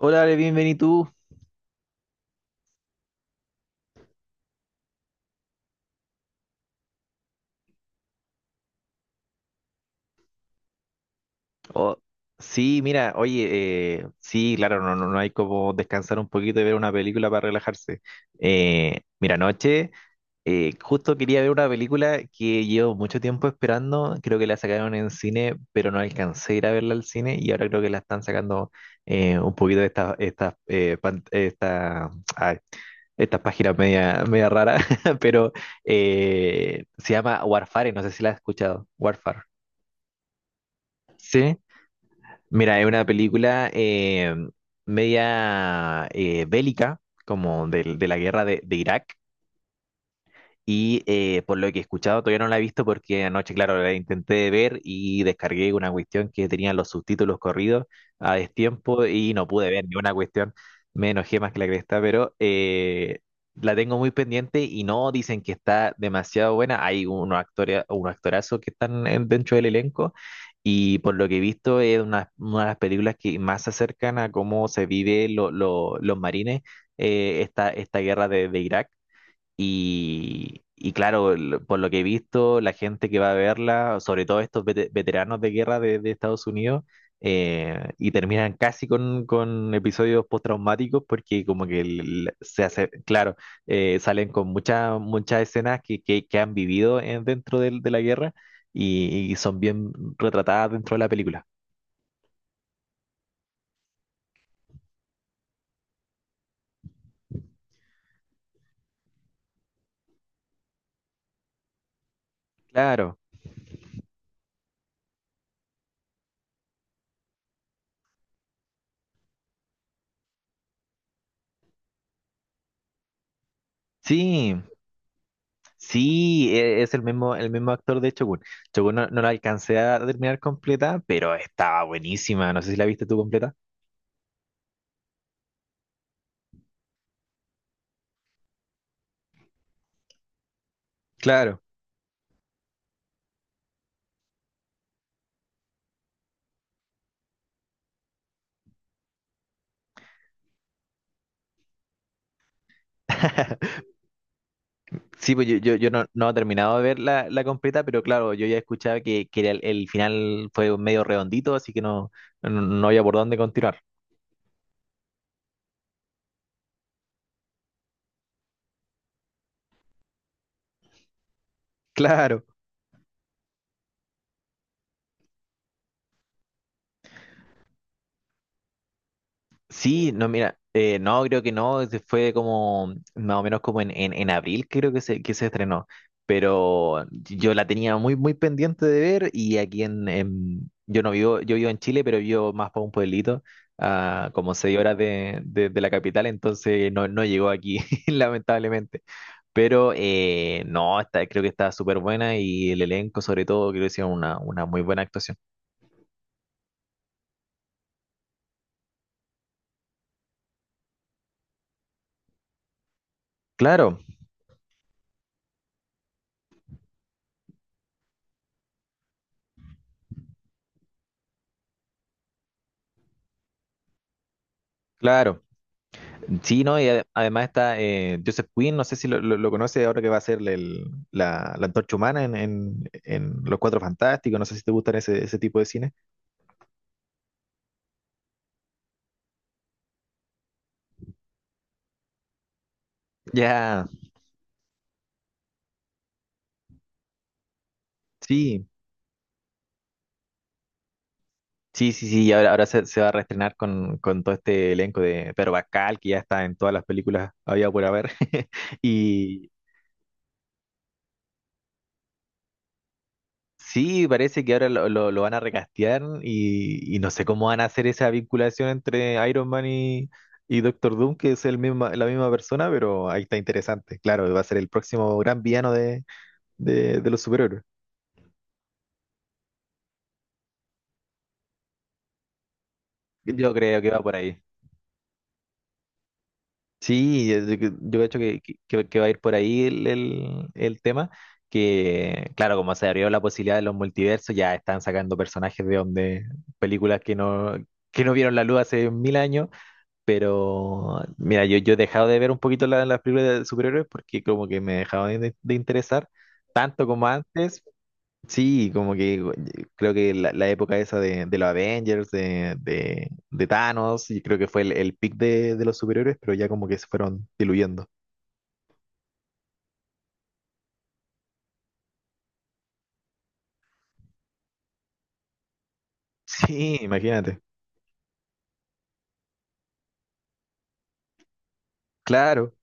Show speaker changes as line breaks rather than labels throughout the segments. Hola, Ale, bienvenido tú. Oh, sí, mira, oye, sí, claro, no, no, no hay como descansar un poquito y ver una película para relajarse. Mira, anoche justo quería ver una película que llevo mucho tiempo esperando. Creo que la sacaron en cine, pero no alcancé a ir a verla al cine y ahora creo que la están sacando un poquito de estas ay, estas páginas media, media raras, pero se llama Warfare, no sé si la has escuchado. Warfare. Sí. Mira, es una película media bélica, como de la guerra de Irak, y por lo que he escuchado, todavía no la he visto porque anoche, claro, la intenté ver y descargué una cuestión que tenía los subtítulos corridos a destiempo y no pude ver ni una cuestión. Me enojé más que la cresta, pero la tengo muy pendiente y no, dicen que está demasiado buena. Hay unos actores, unos actorazos que están dentro del elenco y por lo que he visto es una de las películas que más se acercan a cómo se vive los marines esta guerra de Irak. Y claro, por lo que he visto, la gente que va a verla, sobre todo estos veteranos de guerra de Estados Unidos, y terminan casi con episodios postraumáticos porque como que se hace, claro, salen con muchas escenas que han vivido dentro de la guerra y son bien retratadas dentro de la película. Claro, sí. Sí, es el mismo actor de Shogun. Shogun no, no la alcancé a terminar completa, pero estaba buenísima. No sé si la viste tú completa. Claro. Sí, pues yo, yo no he terminado de ver la completa, pero claro, yo ya escuchaba que era el final, fue medio redondito, así que no, no había por dónde continuar. Claro. Sí, no, mira, no, creo que no, ese fue como más o menos como en abril, creo que se estrenó, pero yo la tenía muy, muy pendiente de ver y aquí yo no vivo, yo vivo en Chile, pero vivo más para un pueblito, a como 6 horas de la capital, entonces no llegó aquí, lamentablemente, pero no, está, creo que está súper buena y el elenco sobre todo, creo que hicieron una muy buena actuación. Claro, claro. Sí, ¿no? Y además está Joseph Quinn, no sé si lo conoce, ahora que va a ser la antorcha humana en Los Cuatro Fantásticos. No sé si te gustan ese tipo de cine. Ya, sí, sí, sí, sí, y ahora se va a reestrenar con todo este elenco de Pedro Pascal, que ya está en todas las películas había por haber, y. Sí, parece que ahora lo van a recastear y no sé cómo van a hacer esa vinculación entre Iron Man y Doctor Doom, que es la misma persona, pero ahí está interesante. Claro, va a ser el próximo gran villano de los superhéroes. Yo creo que va por ahí. Sí, yo creo que va a ir por ahí el tema, que claro, como se abrió la posibilidad de los multiversos, ya están sacando personajes de donde películas que no vieron la luz hace mil años. Pero, mira, yo he dejado de ver un poquito las películas de superhéroes, porque como que me dejaban de interesar tanto como antes. Sí, como que creo que la época esa de los Avengers, de Thanos, y creo que fue el peak de los superhéroes, pero ya como que se fueron diluyendo. Sí, imagínate. Claro.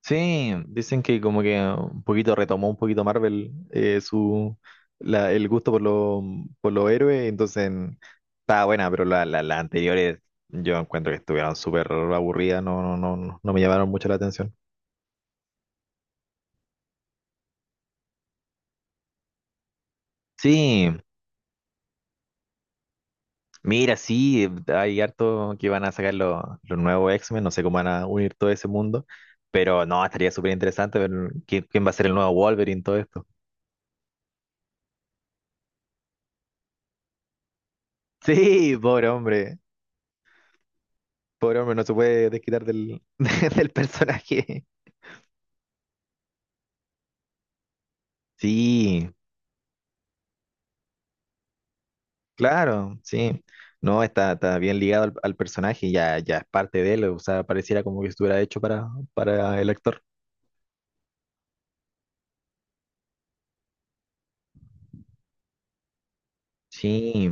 Sí, dicen que como que un poquito retomó un poquito Marvel el gusto por los héroes, entonces está buena, pero las anteriores, yo encuentro que estuvieron súper aburridas, no, no me llamaron mucho la atención. Sí, mira, sí, hay harto que van a sacar los nuevos X-Men, no sé cómo van a unir todo ese mundo, pero no, estaría súper interesante ver quién va a ser el nuevo Wolverine, todo esto. Sí, pobre hombre. Pobre hombre, no se puede desquitar del, del personaje. Sí, claro, sí. No, está, está bien ligado al personaje, ya, ya es parte de él, o sea, pareciera como que estuviera hecho para el actor. Sí.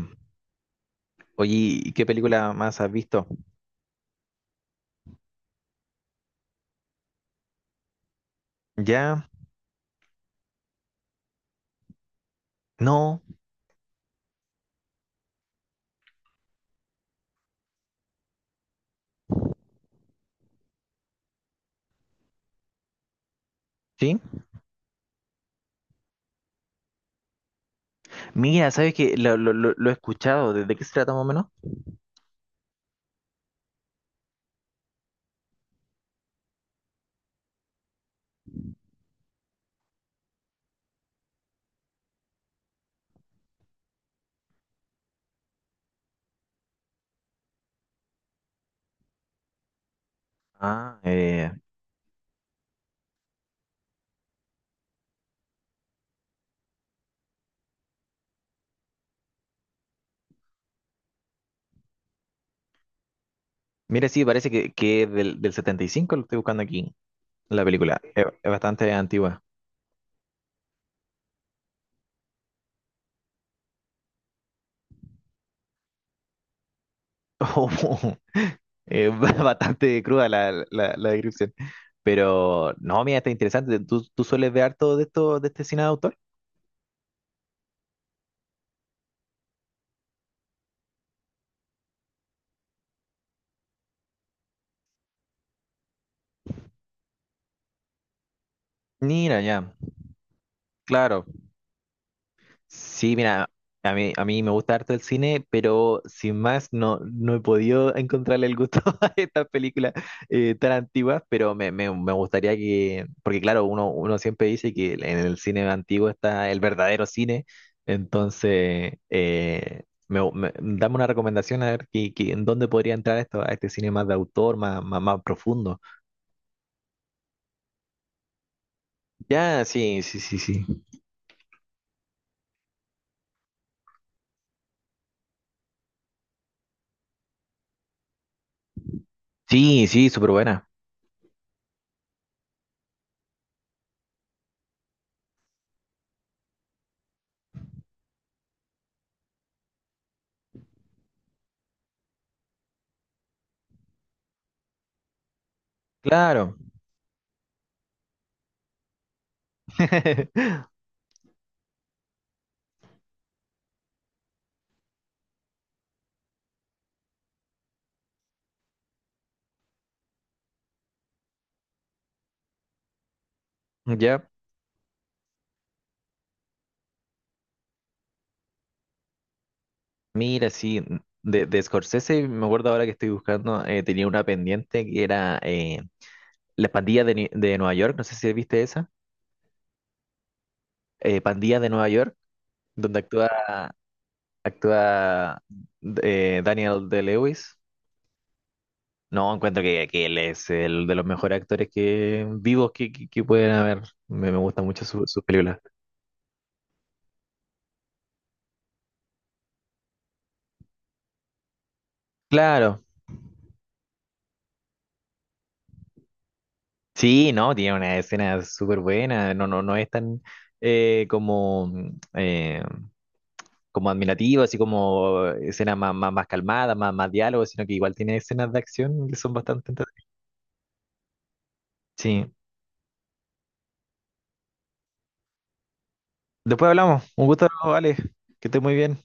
Oye, ¿y qué película más has visto? ¿Ya? ¿No? ¿Sí? Mira, ¿sabes que lo he escuchado? De qué se trata más o menos? Ah, mira, sí, parece que es del 75, lo estoy buscando aquí, la película. Es bastante antigua. Oh, eh, bastante cruda la descripción. Pero no, mira, está interesante. ¿Tú sueles ver harto de esto, de este cine de autor? Mira, ya, claro. Sí, mira, a mí me gusta harto el cine, pero sin más no he podido encontrarle el gusto a estas películas tan antiguas, pero me gustaría que, porque claro, uno siempre dice que en el cine antiguo está el verdadero cine, entonces dame una recomendación a ver que, en dónde podría entrar esto, a este cine más de autor, más, más, más profundo. Ya, sí, sí, sí, sí. Sí, sí, súper buena. Claro. Ya. Mira, sí, de Scorsese, me acuerdo ahora que estoy buscando, tenía una pendiente que era La Pandilla de Nueva York, no sé si viste esa, Pandilla de Nueva York, donde actúa, actúa Daniel De-Lewis. No, encuentro que él es el de los mejores actores que vivos que pueden haber. Me gustan mucho sus películas. Claro, sí, no, tiene una escena súper buena, no, no es tan eh, como mm, eh, como admirativo, así como escenas más, más, más calmadas, más, más diálogo, sino que igual tiene escenas de acción que son bastante entretenidas. Sí. Después hablamos. Un gusto, Alex. Que estés muy bien.